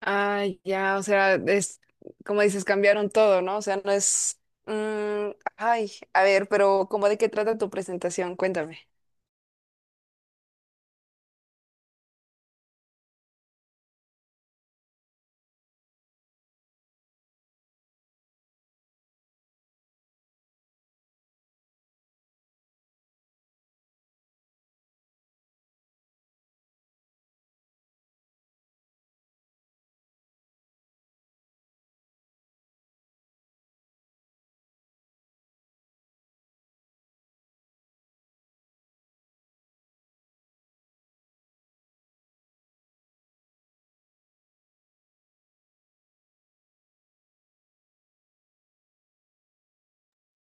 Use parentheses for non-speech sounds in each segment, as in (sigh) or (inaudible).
Ah, ya, o sea, es como dices, cambiaron todo, ¿no? O sea, no es... mm, ay, a ver, pero ¿cómo de qué trata tu presentación? Cuéntame.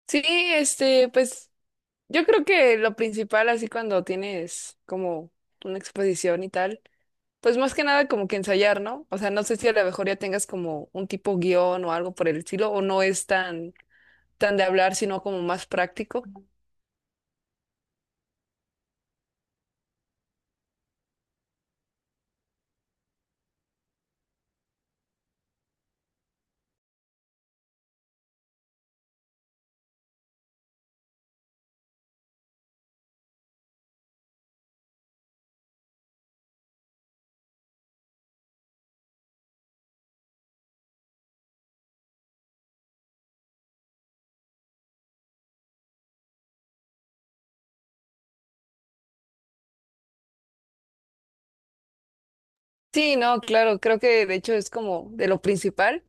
Sí, pues yo creo que lo principal, así cuando tienes como una exposición y tal, pues más que nada como que ensayar, ¿no? O sea, no sé si a lo mejor ya tengas como un tipo guión o algo por el estilo, o no es tan, tan de hablar, sino como más práctico. Sí, no, claro, creo que de hecho es como de lo principal.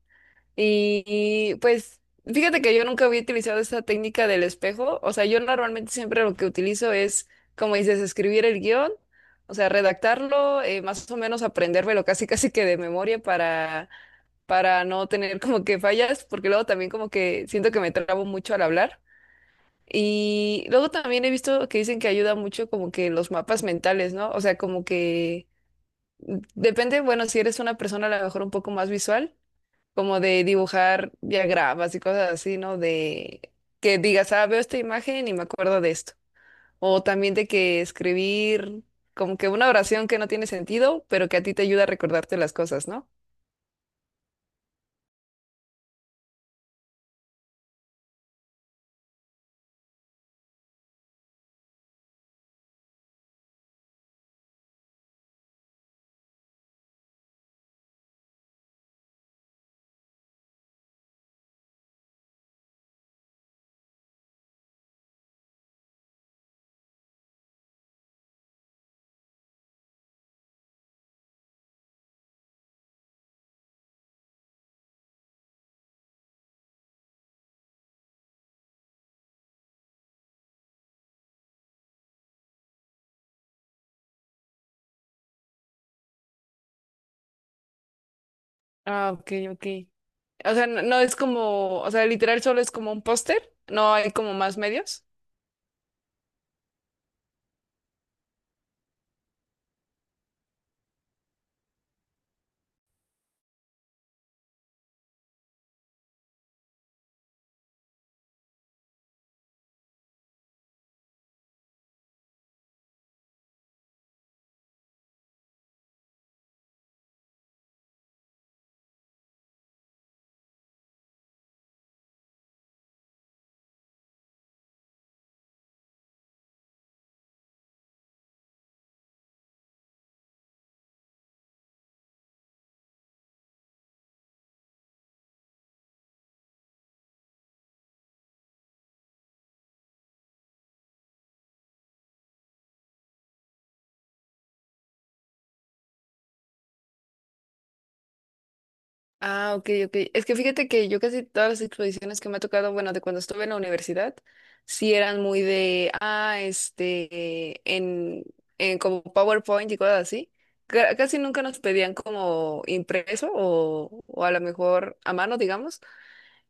Pues fíjate que yo nunca había utilizado esa técnica del espejo. O sea, yo normalmente siempre lo que utilizo es, como dices, escribir el guión, o sea, redactarlo, más o menos aprendérmelo casi casi que de memoria para no tener como que fallas, porque luego también como que siento que me trabo mucho al hablar. Y luego también he visto que dicen que ayuda mucho como que los mapas mentales, ¿no? O sea, como que depende, bueno, si eres una persona a lo mejor un poco más visual como de dibujar diagramas y cosas así, ¿no? De que digas, ah, veo esta imagen y me acuerdo de esto. O también de que escribir como que una oración que no tiene sentido, pero que a ti te ayuda a recordarte las cosas, ¿no? Ah, ok, ok. O sea, no es como, o sea, literal solo es como un póster, no hay como más medios. Ah, ok, ok. Es que fíjate que yo casi todas las exposiciones que me ha tocado, bueno, de cuando estuve en la universidad, sí eran muy de, ah, en como PowerPoint y cosas así. Ca- Casi nunca nos pedían como impreso o a lo mejor a mano, digamos.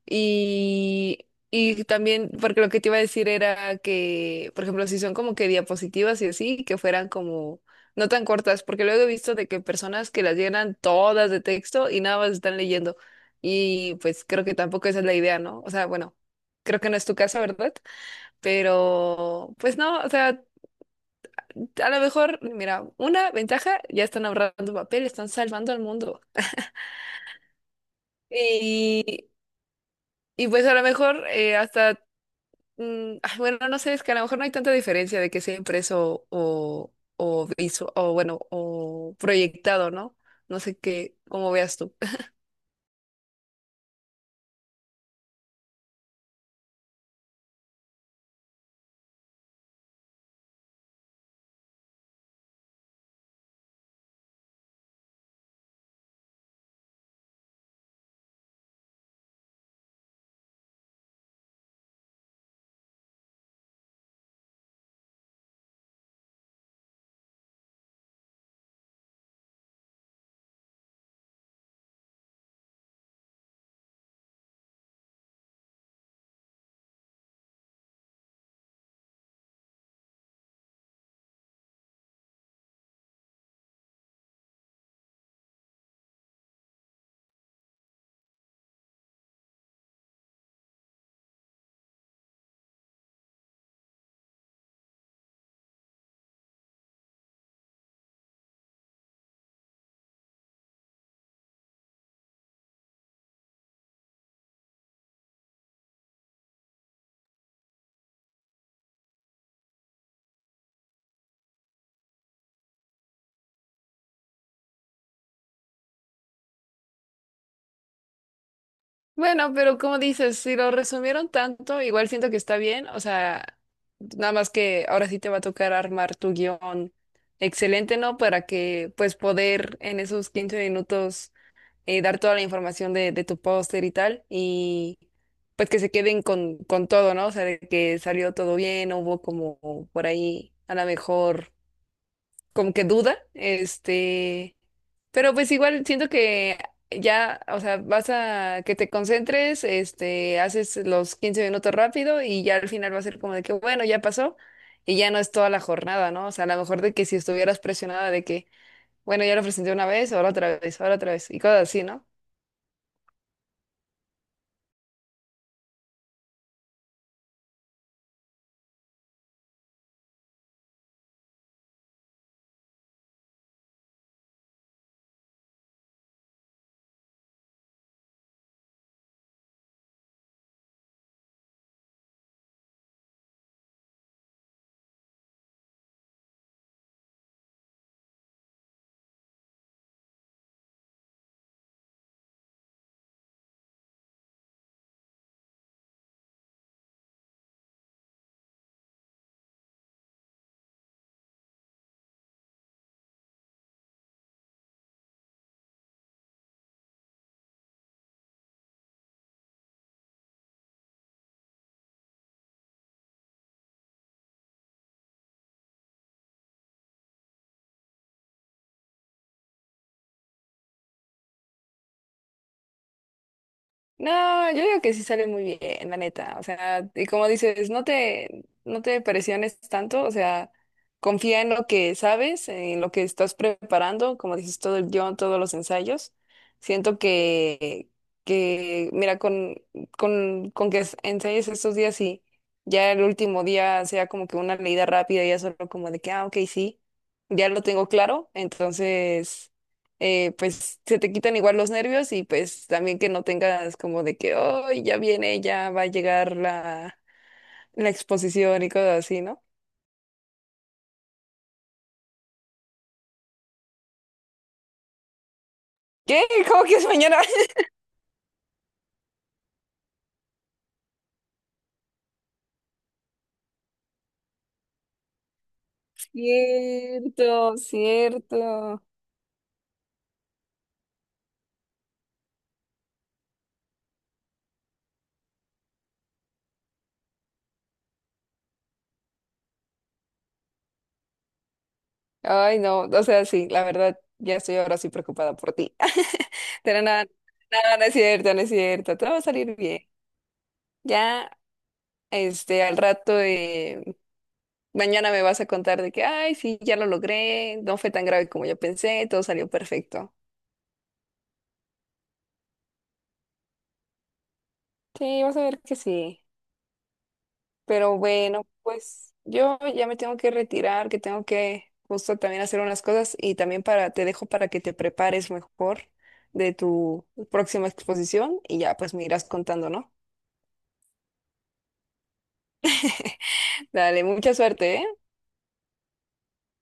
Y también, porque lo que te iba a decir era que, por ejemplo, si son como que diapositivas y así, que fueran como no tan cortas, porque luego he visto de que personas que las llenan todas de texto y nada más están leyendo. Y pues creo que tampoco esa es la idea, ¿no? O sea, bueno, creo que no es tu caso, ¿verdad? Pero pues no, o sea, a lo mejor, mira, una ventaja, ya están ahorrando papel, están salvando al mundo. Y, y pues a lo mejor hasta ay, bueno, no sé, es que a lo mejor no hay tanta diferencia de que sea impreso o visu- o bueno, o proyectado, ¿no? No sé qué, cómo veas tú. (laughs) Bueno, pero como dices, si lo resumieron tanto, igual siento que está bien, o sea, nada más que ahora sí te va a tocar armar tu guión excelente, ¿no? Para que pues poder en esos 15 minutos dar toda la información de tu póster y tal, y pues que se queden con todo, ¿no? O sea, de que salió todo bien, no hubo como por ahí a lo mejor como que duda, este, pero pues igual siento que ya, o sea, vas a que te concentres, este, haces los 15 minutos rápido y ya al final va a ser como de que, bueno, ya pasó. Y ya no es toda la jornada, ¿no? O sea, a lo mejor de que si estuvieras presionada de que, bueno, ya lo presenté una vez, ahora otra vez, ahora otra vez, y cosas así, ¿no? No, yo digo que sí sale muy bien, la neta. O sea, y como dices, no te presiones tanto, o sea, confía en lo que sabes, en lo que estás preparando, como dices, todo el guión, todos los ensayos. Siento que, que mira, con que es- ensayes estos días y ya el último día sea como que una leída rápida, ya solo como de que, ah, ok, sí, ya lo tengo claro, entonces pues se te quitan igual los nervios y pues también que no tengas como de que, oh, ya viene, ya va a llegar la exposición y cosas así, ¿no? ¿Qué? ¿Cómo que es mañana? (laughs) Cierto, cierto. Ay, no, o sea, sí, la verdad, ya estoy ahora sí preocupada por ti. (laughs) Pero nada, nada, no es cierto, no es cierto, todo va a salir bien. Ya, al rato, mañana me vas a contar de que, ay, sí, ya lo logré, no fue tan grave como yo pensé, todo salió perfecto. Sí, vas a ver que sí. Pero bueno, pues yo ya me tengo que retirar, que tengo que justo también hacer unas cosas y también para, te dejo para que te prepares mejor de tu próxima exposición y ya pues me irás contando, ¿no? Dale, mucha suerte, ¿eh?